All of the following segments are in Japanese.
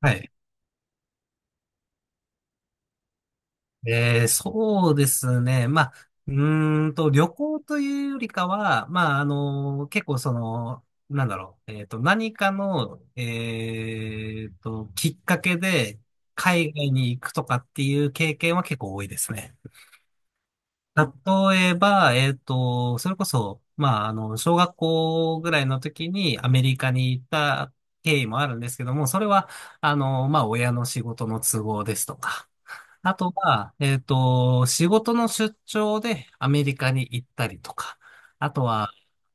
はい。そうですね。う旅行というよりかは、結構何かの、きっかけで海外に行くとかっていう経験は結構多いですね。例えば、それこそ、小学校ぐらいの時にアメリカに行った経緯もあるんですけども、それは、親の仕事の都合ですとか、あとは、仕事の出張でアメリカに行ったりとか、あとは、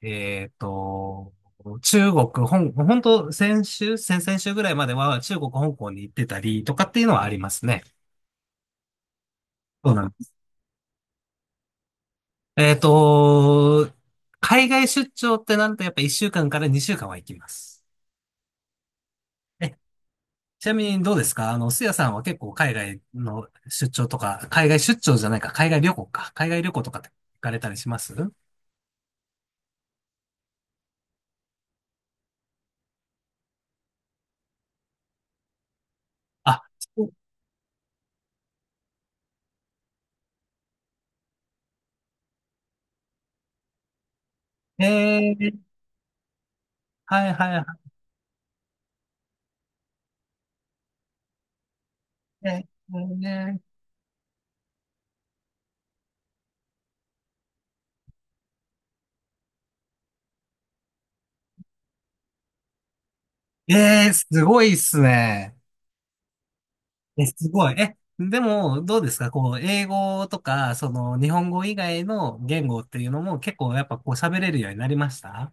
えっと、中国、本当先週、先々週ぐらいまでは中国、香港に行ってたりとかっていうのはありますね。そうなんです。えっと、海外出張ってなるとやっぱ1週間かんから2週間は行きます。え、ちなみにどうですか？あの、すやさんは結構海外の出張とか、海外出張じゃないか、海外旅行か、海外旅行とかって行かれたりします？あ、ええ、はいはいはい。ええええ、すごいっすね。え、すごい。え、でも、どうですかこう、英語とか、その、日本語以外の言語っていうのも結構やっぱこう喋れるようになりました？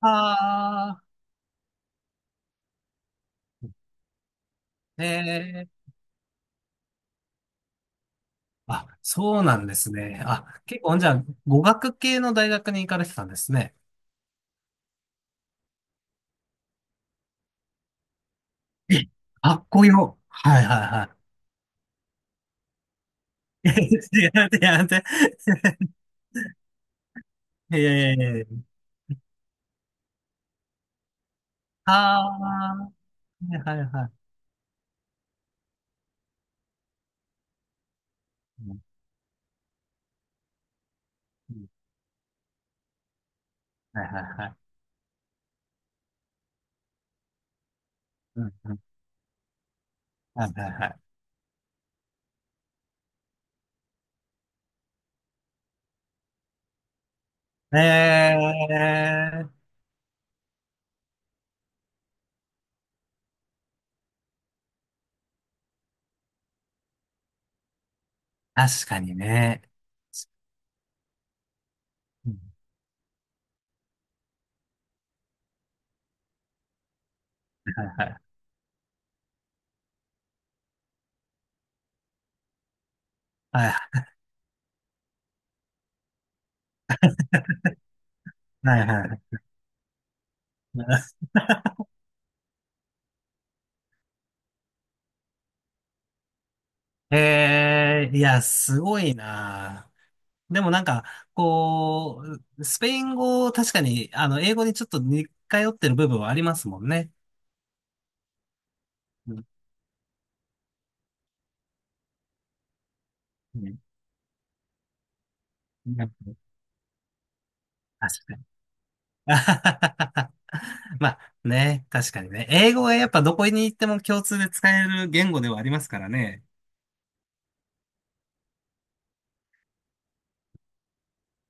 ああー、ええ、あ、そうなんですね。あ、結構、じゃあ、語学系の大学に行かれてたんですね。え、かっこよ。はいはいはい。いや、いや、いや、いや、いやいやいや。ああ、はいはいはい。うん、はいはいはい。うん、うん。はいはいはい。えー、確かにね。うん、はいはいはい。はいはいはい。えー、いや、すごいな。でもなんか、こう、スペイン語、確かに、あの、英語にちょっと似通ってる部分はありますもんね。うん、うん、なんか確かにね。まあね、確かにね。英語はやっぱどこに行っても共通で使える言語ではありますからね。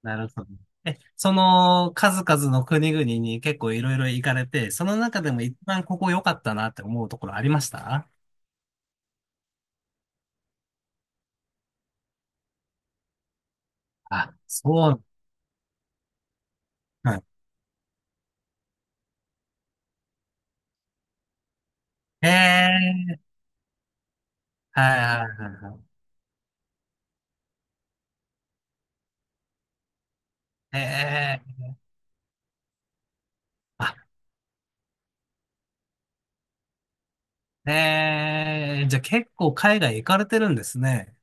なるほど。え、その数々の国々に結構いろいろ行かれて、その中でも一番ここ良かったなって思うところありました？あ、そう。はい。ええ、はいはいはいはい。ええ、あ、ええ、じゃあ結構海外行かれてるんですね。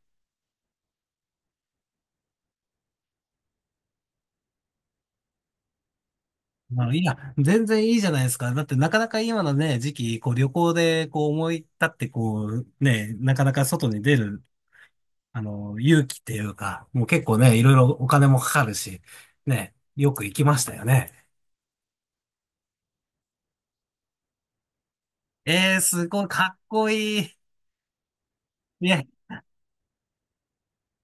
まあ、いや、全然いいじゃないですか。だってなかなか今のね、時期、こう旅行でこう思い立ってこうね、なかなか外に出る、あの、勇気っていうか、もう結構ね、いろいろお金もかかるし、ね、よく行きましたよね。ええ、すごいかっこいい。ね、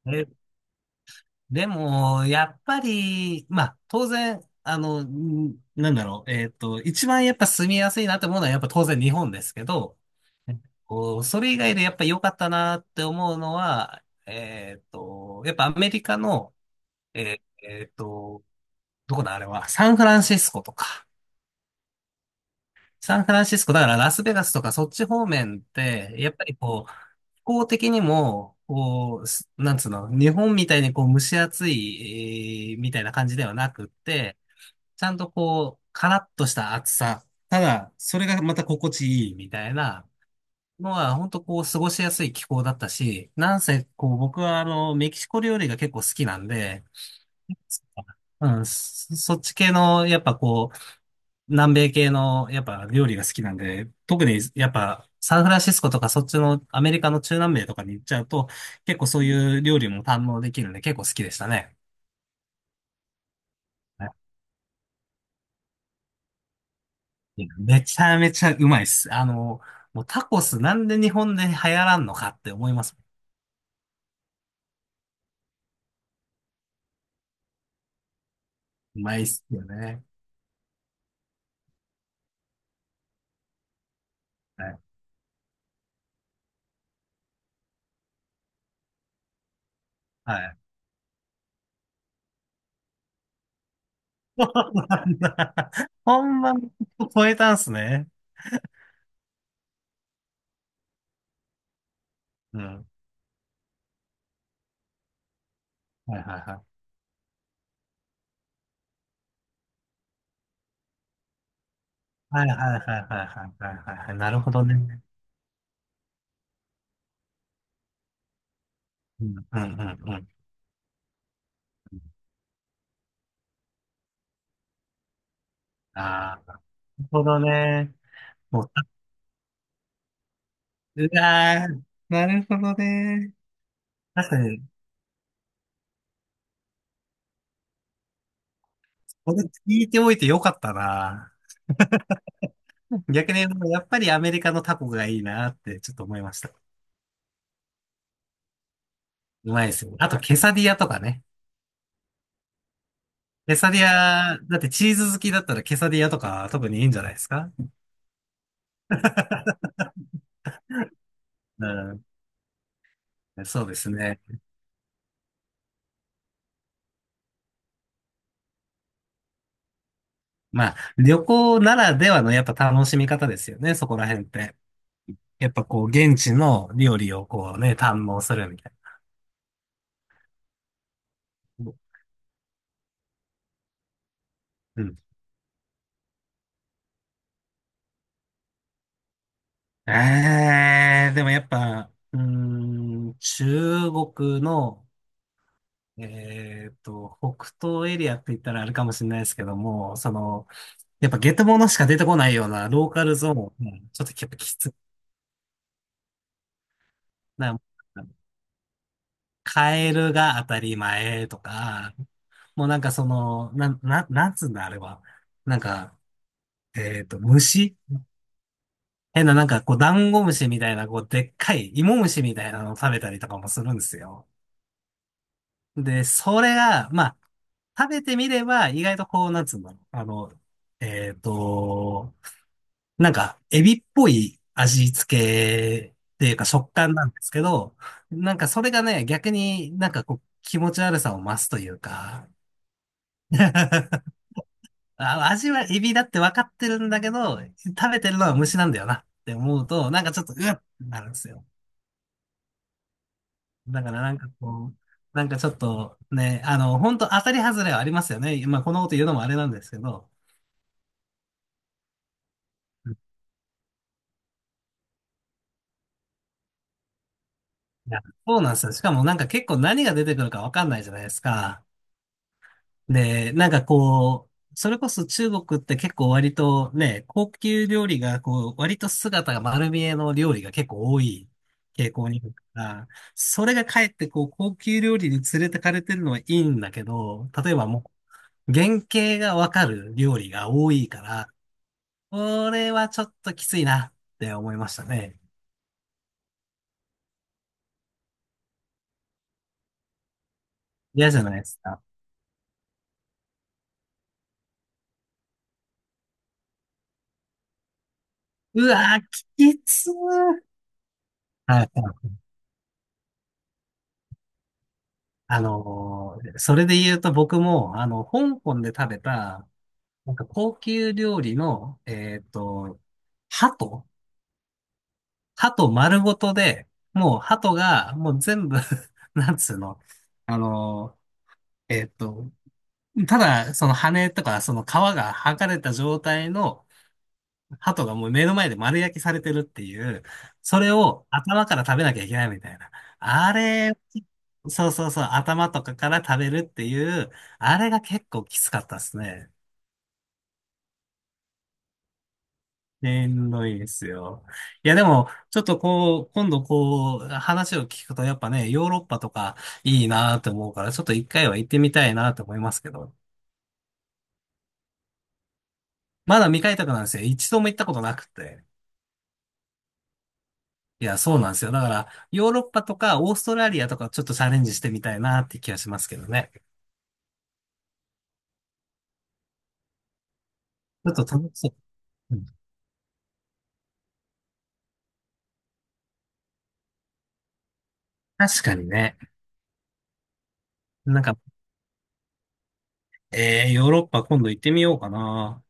え、でも、やっぱり、当然、なんだろう、一番やっぱ住みやすいなって思うのはやっぱ当然日本ですけど、こう、それ以外でやっぱ良かったなって思うのは、やっぱアメリカの、えっと、どこだあれは、サンフランシスコとか。サンフランシスコ、だからラスベガスとかそっち方面って、やっぱりこう、気候的にも、こう、す、なんつうの、日本みたいにこう蒸し暑い、えーみたいな感じではなくって、ちゃんとこう、カラッとした暑さ。ただ、それがまた心地いいみたいなのは、本当こう、過ごしやすい気候だったし、なんせこう、僕はあの、メキシコ料理が結構好きなんで、うん、そっち系の、やっぱこう、南米系の、やっぱ料理が好きなんで、特にやっぱサンフランシスコとかそっちのアメリカの中南米とかに行っちゃうと、結構そういう料理も堪能できるんで結構好きでしたね。はい、めちゃめちゃうまいっす。あの、もうタコスなんで日本で流行らんのかって思います。うまいっすよね。はい。はい。そうなんだ、ほんま、超えたんすね。うん。はいはいはい。はいはいはいはいはいはいはいはい。なるほどね。うんうんうんうん。ああ。ほどね。もう、うわー、なるほどね。確かに、これ聞いておいてよかったな。逆に、やっぱりアメリカのタコがいいなってちょっと思いました。うまいですよ。あと、ケサディアとかね。ケサディア、だってチーズ好きだったらケサディアとか特にいいんじゃないですか？うん、そうですね。まあ、旅行ならではのやっぱ楽しみ方ですよね、そこら辺って。やっぱこう、現地の料理をこうね、堪能するみたいな。うん、えー、でもやっぱ、うーん、中国の、えっと、北東エリアって言ったらあれかもしれないですけども、その、やっぱゲテモノしか出てこないようなローカルゾーン、うん、ちょっとやっぱきつな、カエルが当たり前とか、もうなんかその、なんつうんだあれは。なんか、虫、変ななんかこう、ダンゴムシみたいな、こう、でっかい芋虫みたいなのを食べたりとかもするんですよ。で、それが、まあ、食べてみれば、意外とこう、なんつうんだろう。あの、えっと、なんか、エビっぽい味付けっていうか食感なんですけど、なんかそれがね、逆になんかこう、気持ち悪さを増すというか、あ、味はエビだって分かってるんだけど、食べてるのは虫なんだよなって思うと、なんかちょっと、うわっってなるんですよ。だからなんかこう、なんかちょっとね、あの、本当当たり外れはありますよね。まあこのこと言うのもあれなんですけど。うん、いや、そうなんですよ。しかもなんか結構何が出てくるかわかんないじゃないですか。で、なんかこう、それこそ中国って結構割とね、高級料理がこう、割と姿が丸見えの料理が結構多い傾向にあるから、それがかえってこう、高級料理に連れてかれてるのはいいんだけど、例えばもう、原型がわかる料理が多いから、これはちょっときついなって思いましたね。嫌じゃないですか。うわー、きつー。はい。あのー、それで言うと僕も、あの、香港で食べた、なんか高級料理の、鳩鳩丸ごとで、もう鳩が、もう全部 なんつうの、あのーえっと、ただ、その羽とか、その皮が剥がれた状態の、鳩がもう目の前で丸焼きされてるっていう、それを頭から食べなきゃいけないみたいな。あれ、そうそうそう、頭とかから食べるっていう、あれが結構きつかったですね。しんどいですよ。いやでも、ちょっとこう、今度こう、話を聞くとやっぱね、ヨーロッパとかいいなと思うから、ちょっと一回は行ってみたいなと思いますけど、まだ未開拓なんですよ。一度も行ったことなくて。いや、そうなんですよ。だから、ヨーロッパとかオーストラリアとかちょっとチャレンジしてみたいなって気がしますけどね。ちょっと楽しそう。うん、確かにね。なんか、えー、ヨーロッパ今度行ってみようかな。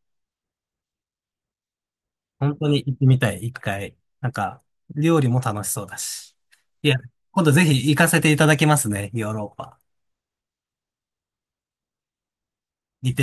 本当に行ってみたい、一回。なんか、料理も楽しそうだし。いや、今度ぜひ行かせていただきますね、ヨーロッパ。行って